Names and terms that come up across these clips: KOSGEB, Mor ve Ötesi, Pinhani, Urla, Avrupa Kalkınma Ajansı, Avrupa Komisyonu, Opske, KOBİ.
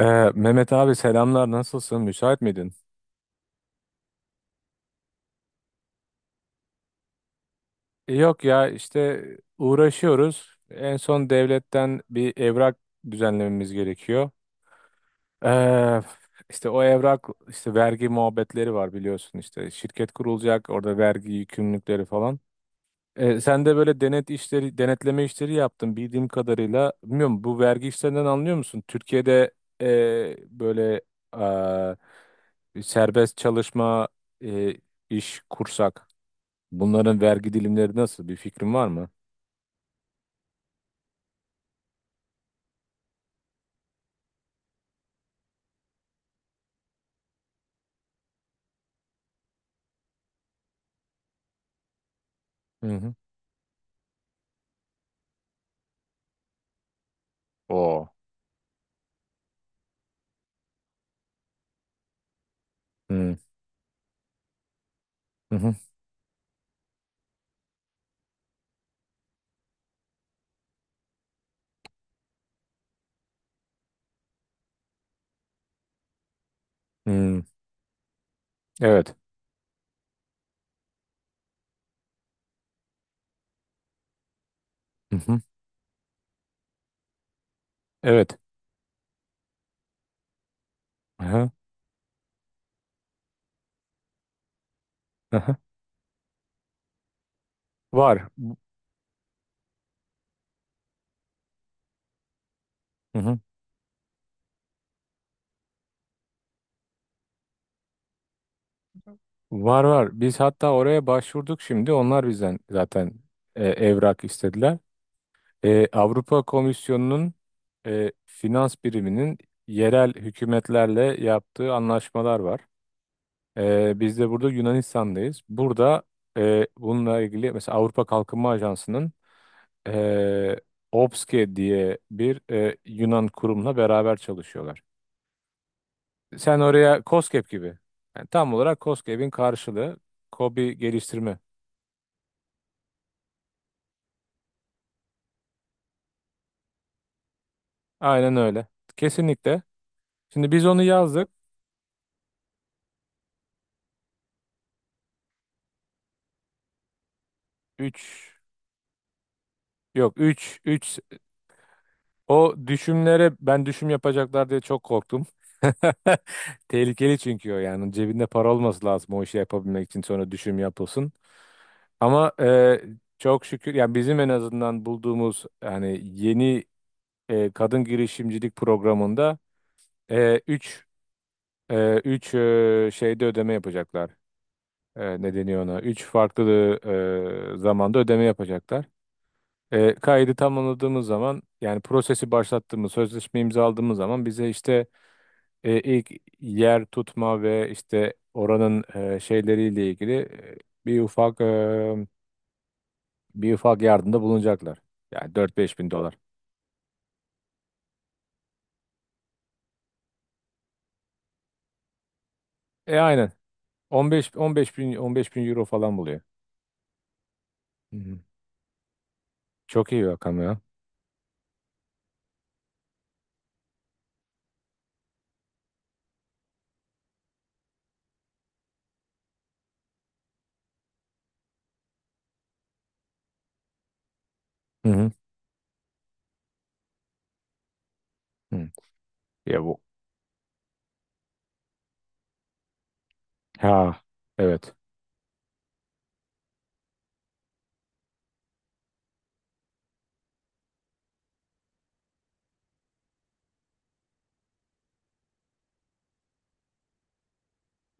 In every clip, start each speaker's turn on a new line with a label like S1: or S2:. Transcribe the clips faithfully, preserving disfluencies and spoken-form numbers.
S1: Ee, Mehmet abi, selamlar. Nasılsın, müsait miydin? E, Yok ya, işte uğraşıyoruz. En son devletten bir evrak düzenlememiz gerekiyor. Ee, işte o evrak, işte vergi muhabbetleri var biliyorsun, işte şirket kurulacak, orada vergi yükümlülükleri falan. Ee, sen de böyle denet işleri denetleme işleri yaptın bildiğim kadarıyla. Bilmiyorum, bu vergi işlerinden anlıyor musun? Türkiye'de e, böyle e, serbest çalışma e, iş kursak. Bunların vergi dilimleri nasıl? Bir fikrin var mı? Hı hı. Oo. Hı hı. Hı. Hı. Evet. Hı hı. Evet. Hı hı. Hı hı. Var. Hı hı. Var, var. Biz hatta oraya başvurduk şimdi. Onlar bizden zaten e, evrak istediler. E, Avrupa Komisyonu'nun e, finans biriminin yerel hükümetlerle yaptığı anlaşmalar var. E, biz de burada Yunanistan'dayız. Burada e, bununla ilgili mesela Avrupa Kalkınma Ajansı'nın e, Opske diye bir e, Yunan kurumla beraber çalışıyorlar. Sen oraya KOSGEB gibi. Yani tam olarak KOSGEB'in karşılığı KOBİ geliştirme. Aynen öyle. Kesinlikle. Şimdi biz onu yazdık. üç. Yok, üç. O düşümlere ben düşüm yapacaklar diye çok korktum. Tehlikeli, çünkü o yani cebinde para olması lazım o işi yapabilmek için, sonra düşüm yapılsın. Ama e, çok şükür, yani bizim en azından bulduğumuz, yani yeni e, kadın girişimcilik programında e, üç 3 şeyde ödeme yapacaklar. E, ne deniyor ona? üç farklı e, zamanda ödeme yapacaklar. E, kaydı tamamladığımız zaman, yani prosesi başlattığımız, sözleşme imzaladığımız zaman bize işte e, ilk yer tutma ve işte oranın e, şeyleriyle ilgili e, bir ufak e, bir ufak yardımda bulunacaklar. Yani dört beş bin dolar. E aynen. On beş on beş bin on beş bin euro falan buluyor. Hı hı. Çok iyi bir rakam ya. Hı hı. Hı. Ya bu. Ha. Evet.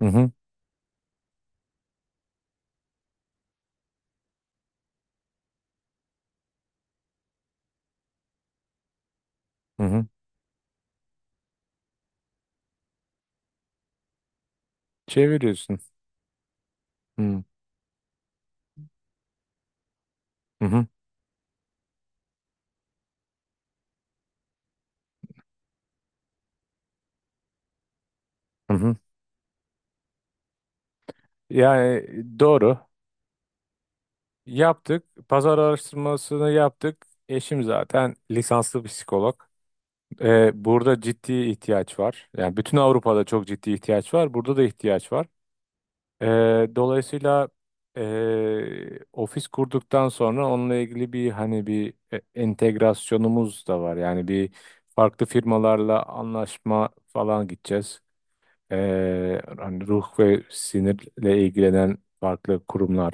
S1: Hı hı. Hı hı. Çeviriyorsun. Hı hı. Hı hı. Yani doğru. Yaptık. Pazar araştırmasını yaptık. Eşim zaten lisanslı psikolog. Ee, burada ciddi ihtiyaç var. Yani bütün Avrupa'da çok ciddi ihtiyaç var. Burada da ihtiyaç var. Ee, Dolayısıyla ee, ofis kurduktan sonra onunla ilgili bir hani bir e, entegrasyonumuz da var. Yani bir farklı firmalarla anlaşma falan gideceğiz. Ee, hani ruh ve sinirle ilgilenen farklı kurumlar.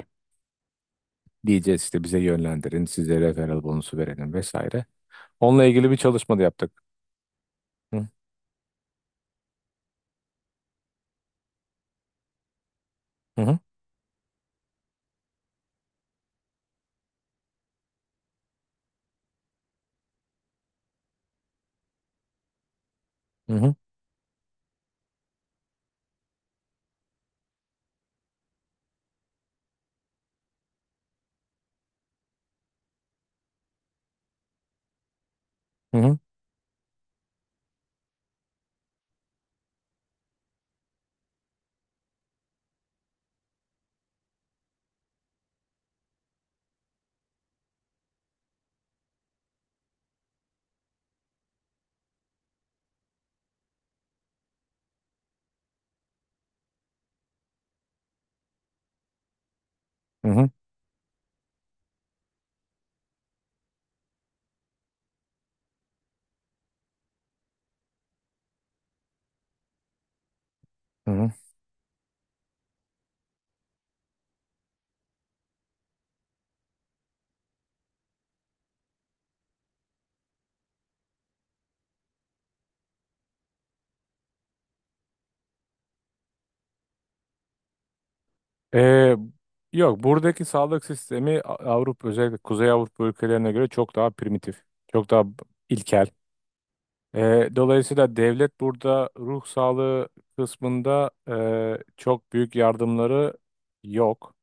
S1: Diyeceğiz işte, bize yönlendirin, size referral bonusu verelim vesaire. Onunla ilgili bir çalışma da yaptık. Hı hı hı hı hı hı hı. Hı. Ee, Yok, buradaki sağlık sistemi, A- Avrupa, özellikle Kuzey Avrupa ülkelerine göre çok daha primitif, çok daha b- ilkel. Ee, dolayısıyla devlet burada ruh sağlığı kısmında e, çok büyük yardımları yok.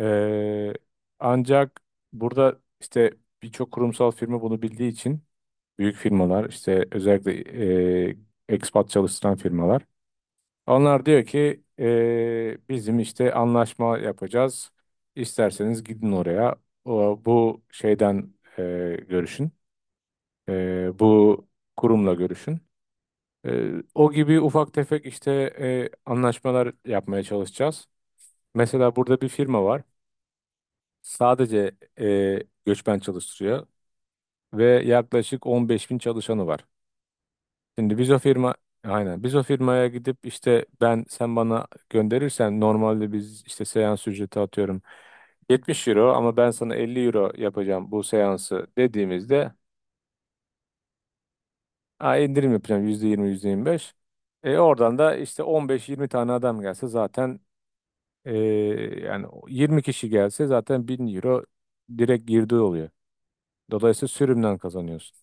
S1: Ee, Ancak burada işte birçok kurumsal firma bunu bildiği için büyük firmalar, işte özellikle e, expat çalıştıran firmalar. Onlar diyor ki e, bizim işte anlaşma yapacağız. İsterseniz gidin oraya. O, bu şeyden e, görüşün. E, bu kurumla görüşün. E, o gibi ufak tefek işte e, anlaşmalar yapmaya çalışacağız. Mesela burada bir firma var. Sadece e, göçmen çalıştırıyor ve yaklaşık on beş bin çalışanı var. Şimdi biz o firma Aynen, biz o firmaya gidip işte, ben sen bana gönderirsen normalde biz işte seans ücreti atıyorum yetmiş euro, ama ben sana elli euro yapacağım bu seansı dediğimizde, "Aa, indirim yapacağım yüzde yirmi, yüzde yirmi beş" E, oradan da işte on beş yirmi tane adam gelse zaten, e, yani yirmi kişi gelse zaten bin euro direkt girdi oluyor. Dolayısıyla sürümden kazanıyorsun.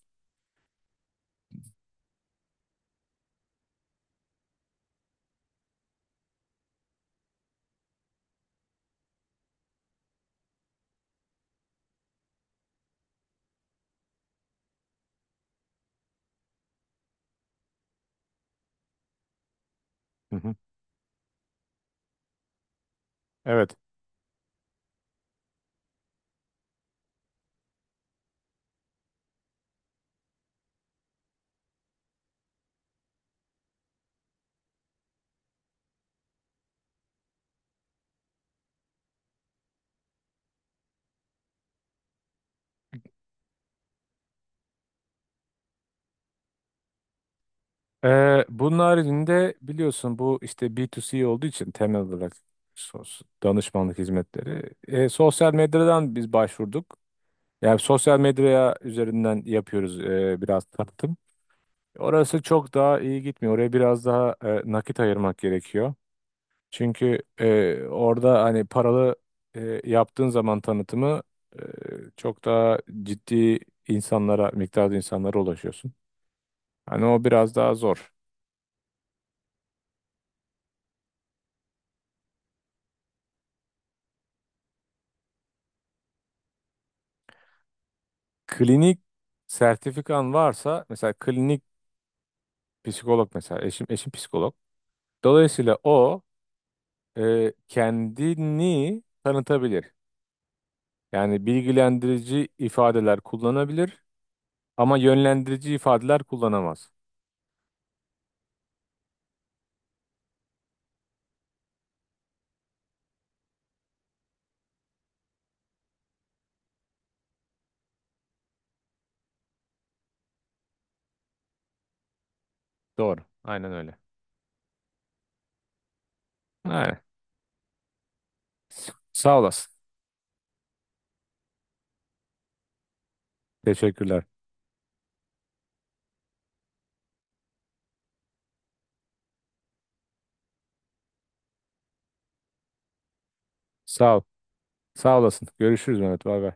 S1: Hı hı. Evet. Ee, bunun haricinde biliyorsun bu işte B iki C olduğu için temel olarak sos- danışmanlık hizmetleri. Ee, sosyal medyadan biz başvurduk. Yani sosyal medyaya üzerinden yapıyoruz ee, biraz tanıtım. Orası çok daha iyi gitmiyor. Oraya biraz daha e, nakit ayırmak gerekiyor. Çünkü e, orada hani paralı e, yaptığın zaman tanıtımı, e, çok daha ciddi insanlara, miktarda insanlara ulaşıyorsun. Hani o biraz daha zor. Klinik sertifikan varsa, mesela klinik psikolog, mesela eşim eşim psikolog. Dolayısıyla o e, kendini tanıtabilir. Yani bilgilendirici ifadeler kullanabilir ama yönlendirici ifadeler kullanamaz. Doğru. Aynen öyle. Aynen. Sağ olasın. Teşekkürler. Sağ ol. Sağ olasın. Görüşürüz Mehmet. Bay bay.